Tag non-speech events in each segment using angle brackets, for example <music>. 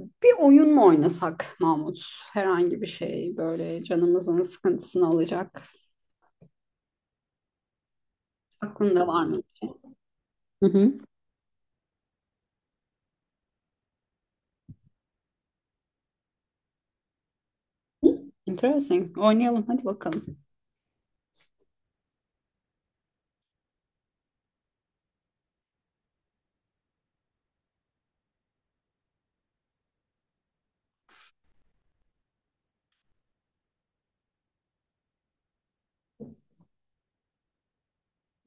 Bir oyun mu oynasak, Mahmut? Herhangi bir şey böyle canımızın sıkıntısını alacak. Aklında var mı? Hı hı. Interesting. Oynayalım hadi bakalım.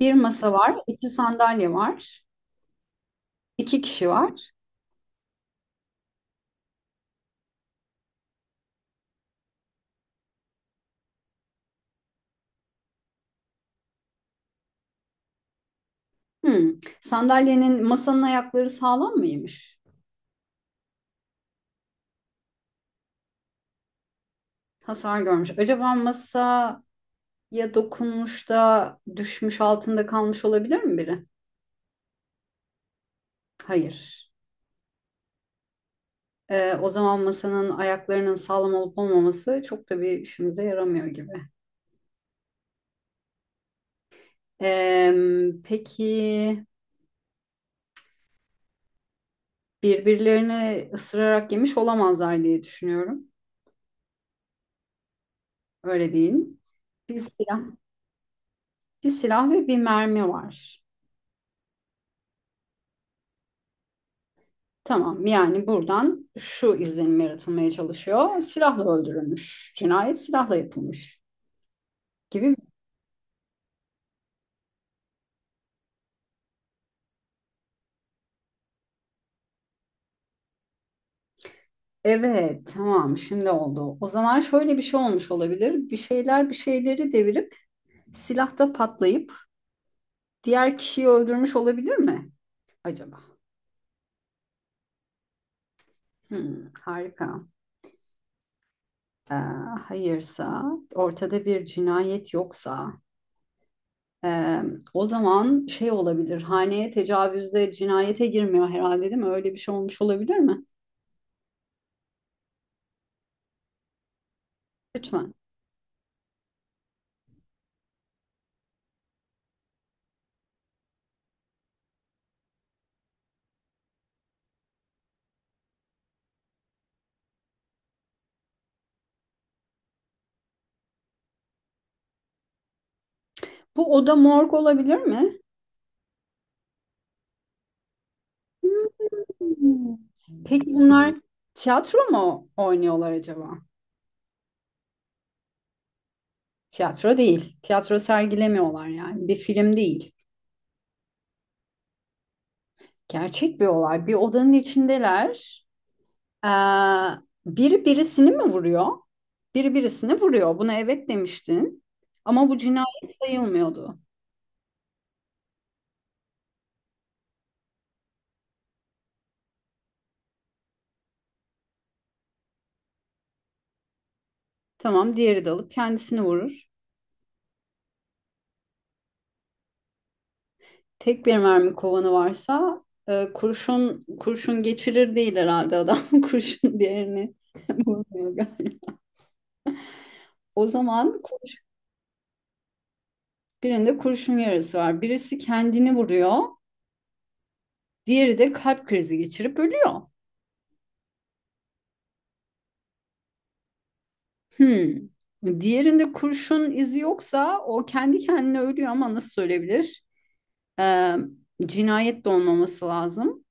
Bir masa var, iki sandalye var, iki kişi var. Hmm. Sandalyenin masanın ayakları sağlam mıymış? Hasar görmüş. Acaba masaya dokunmuş da düşmüş altında kalmış olabilir mi biri? Hayır. O zaman masanın ayaklarının sağlam olup olmaması çok da bir işimize yaramıyor gibi. Peki birbirlerini ısırarak yemiş olamazlar diye düşünüyorum. Öyle değil mi? Bir silah, bir silah ve bir mermi var. Tamam, yani buradan şu izlenim yaratılmaya çalışıyor. Silahla öldürülmüş. Cinayet silahla yapılmış gibi. Evet, tamam, şimdi oldu. O zaman şöyle bir şey olmuş olabilir. Bir şeyler bir şeyleri devirip silahta patlayıp diğer kişiyi öldürmüş olabilir mi acaba? Hmm, harika. e, Hayırsa, ortada bir cinayet yoksa, e, o zaman şey olabilir. Haneye tecavüzde cinayete girmiyor herhalde, değil mi? Öyle bir şey olmuş olabilir mi? Lütfen. Bu oda morg olabilir mi? Hmm. Peki bunlar tiyatro mu oynuyorlar acaba? Tiyatro değil. Tiyatro sergilemiyorlar yani. Bir film değil. Gerçek bir olay. Bir odanın içindeler. Ee, Biri birisini mi vuruyor? Biri birisini vuruyor. Buna evet demiştin. Ama bu cinayet sayılmıyordu. Tamam, diğeri de alıp kendisini vurur. Tek bir mermi kovanı varsa kurşun kurşun geçirir değil herhalde adam. <laughs> Kurşun diğerini <laughs> vurmuyor galiba. O zaman birinde kurşun yarası var. Birisi kendini vuruyor. Diğeri de kalp krizi geçirip ölüyor. Hmm. Diğerinde kurşun izi yoksa o kendi kendine ölüyor ama nasıl ölebilir? Ee, Cinayet de olmaması lazım.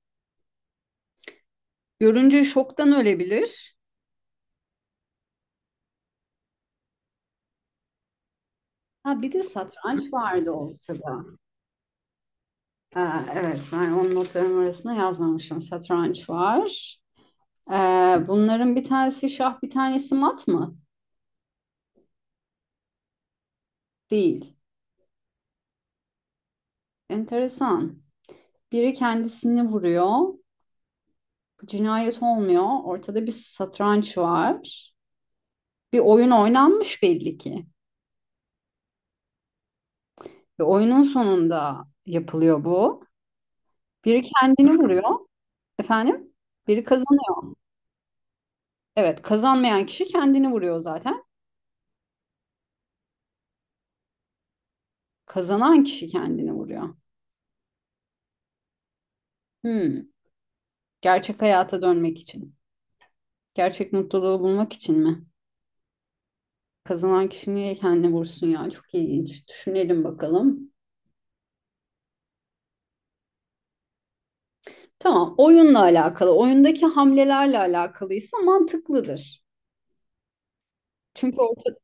Görünce şoktan ölebilir. Ha bir de satranç vardı ortada. Ha, evet, ben onun notlarım arasına yazmamışım. Satranç var. Bunların bir tanesi şah bir tanesi mat mı? Değil. Enteresan. Biri kendisini vuruyor. Cinayet olmuyor. Ortada bir satranç var. Bir oyun oynanmış belli ki. Ve oyunun sonunda yapılıyor bu. Biri kendini vuruyor. Efendim? Biri kazanıyor. Evet, kazanmayan kişi kendini vuruyor zaten. Kazanan kişi kendini vuruyor. Hmm. Gerçek hayata dönmek için. Gerçek mutluluğu bulmak için mi? Kazanan kişi niye kendini vursun ya? Çok ilginç. Düşünelim bakalım. Tamam, oyunla alakalı, oyundaki hamlelerle alakalıysa mantıklıdır. Çünkü orada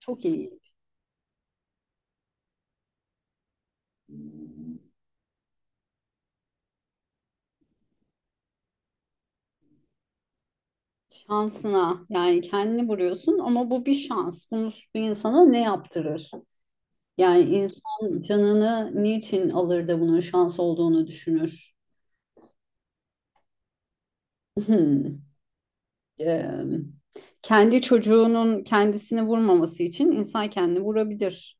çok iyi. Şansına yani kendini vuruyorsun ama bu bir şans. Bunu bir insana ne yaptırır? Yani insan canını niçin alır da bunun şans olduğunu düşünür? Hmm. Ee, Kendi çocuğunun kendisini vurmaması için insan kendini vurabilir.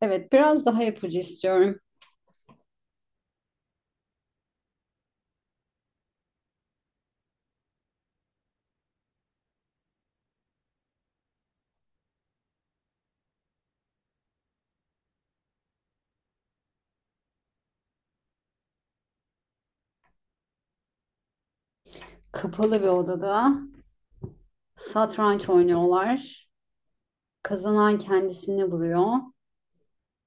Evet, biraz daha ipucu istiyorum. Kapalı bir odada satranç oynuyorlar. Kazanan kendisini vuruyor.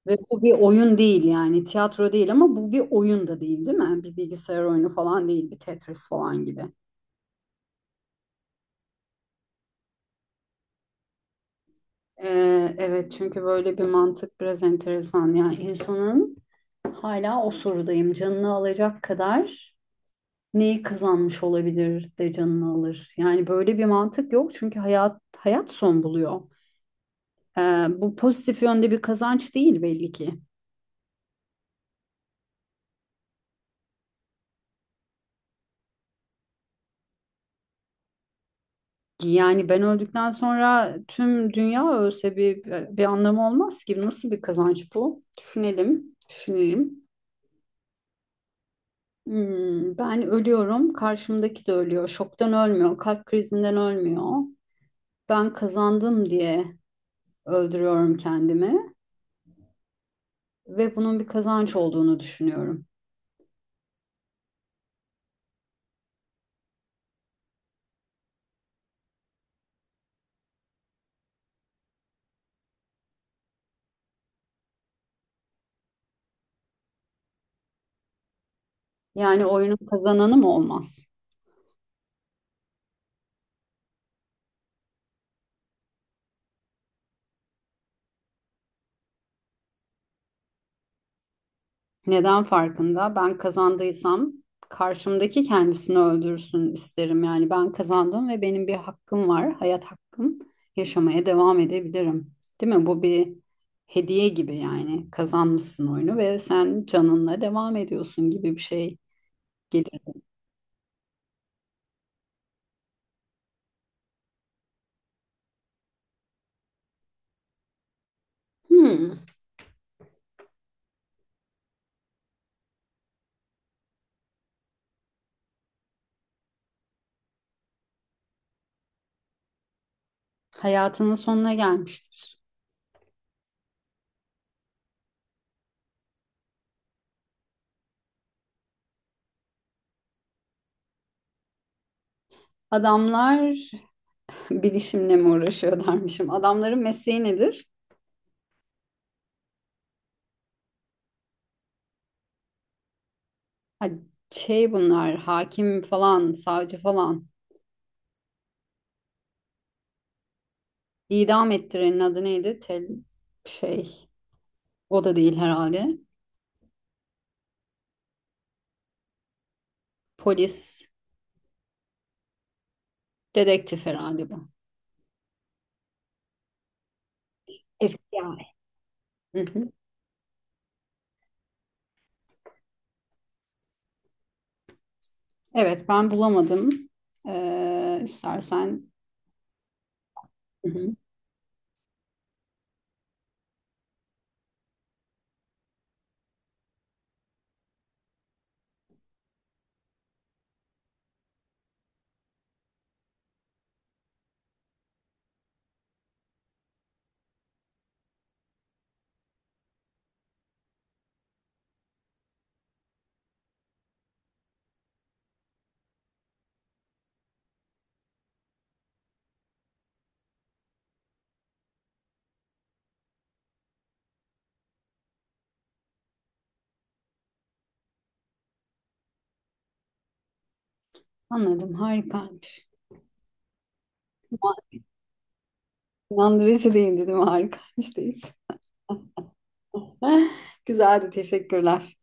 Ve bu bir oyun değil yani, tiyatro değil ama bu bir oyun da değil, değil mi? Bir bilgisayar oyunu falan değil, bir Tetris falan gibi. Evet, çünkü böyle bir mantık biraz enteresan. Yani insanın hala o sorudayım, canını alacak kadar neyi kazanmış olabilir de canını alır. Yani böyle bir mantık yok çünkü hayat son buluyor. Ee, Bu pozitif yönde bir kazanç değil belli ki. Yani ben öldükten sonra tüm dünya ölse bir anlamı olmaz ki. Nasıl bir kazanç bu? Düşünelim, düşünelim. Hmm, ben ölüyorum, karşımdaki de ölüyor. Şoktan ölmüyor, kalp krizinden ölmüyor. Ben kazandım diye öldürüyorum kendimi ve bunun bir kazanç olduğunu düşünüyorum. Yani oyunun kazananı mı olmaz? Neden farkında? Ben kazandıysam karşımdaki kendisini öldürsün isterim. Yani ben kazandım ve benim bir hakkım var, hayat hakkım. Yaşamaya devam edebilirim. Değil mi? Bu bir hediye gibi yani. Kazanmışsın oyunu ve sen canınla devam ediyorsun gibi bir şey gelir. Hmm, hayatının sonuna gelmiştir. Adamlar <laughs> bilişimle mi uğraşıyor dermişim. Adamların mesleği nedir? Ha, şey, bunlar hakim falan savcı falan, idam ettirenin adı neydi? Tel, şey, o da değil herhalde. Polis dedektif herhalde bu. FBI. Hı hı. Evet, ben bulamadım. Ee, istersen. Hı hı. Anladım, harikaymış. İnandırıcı değildi değil mi? Harikaymış değil. <laughs> Güzeldi, teşekkürler.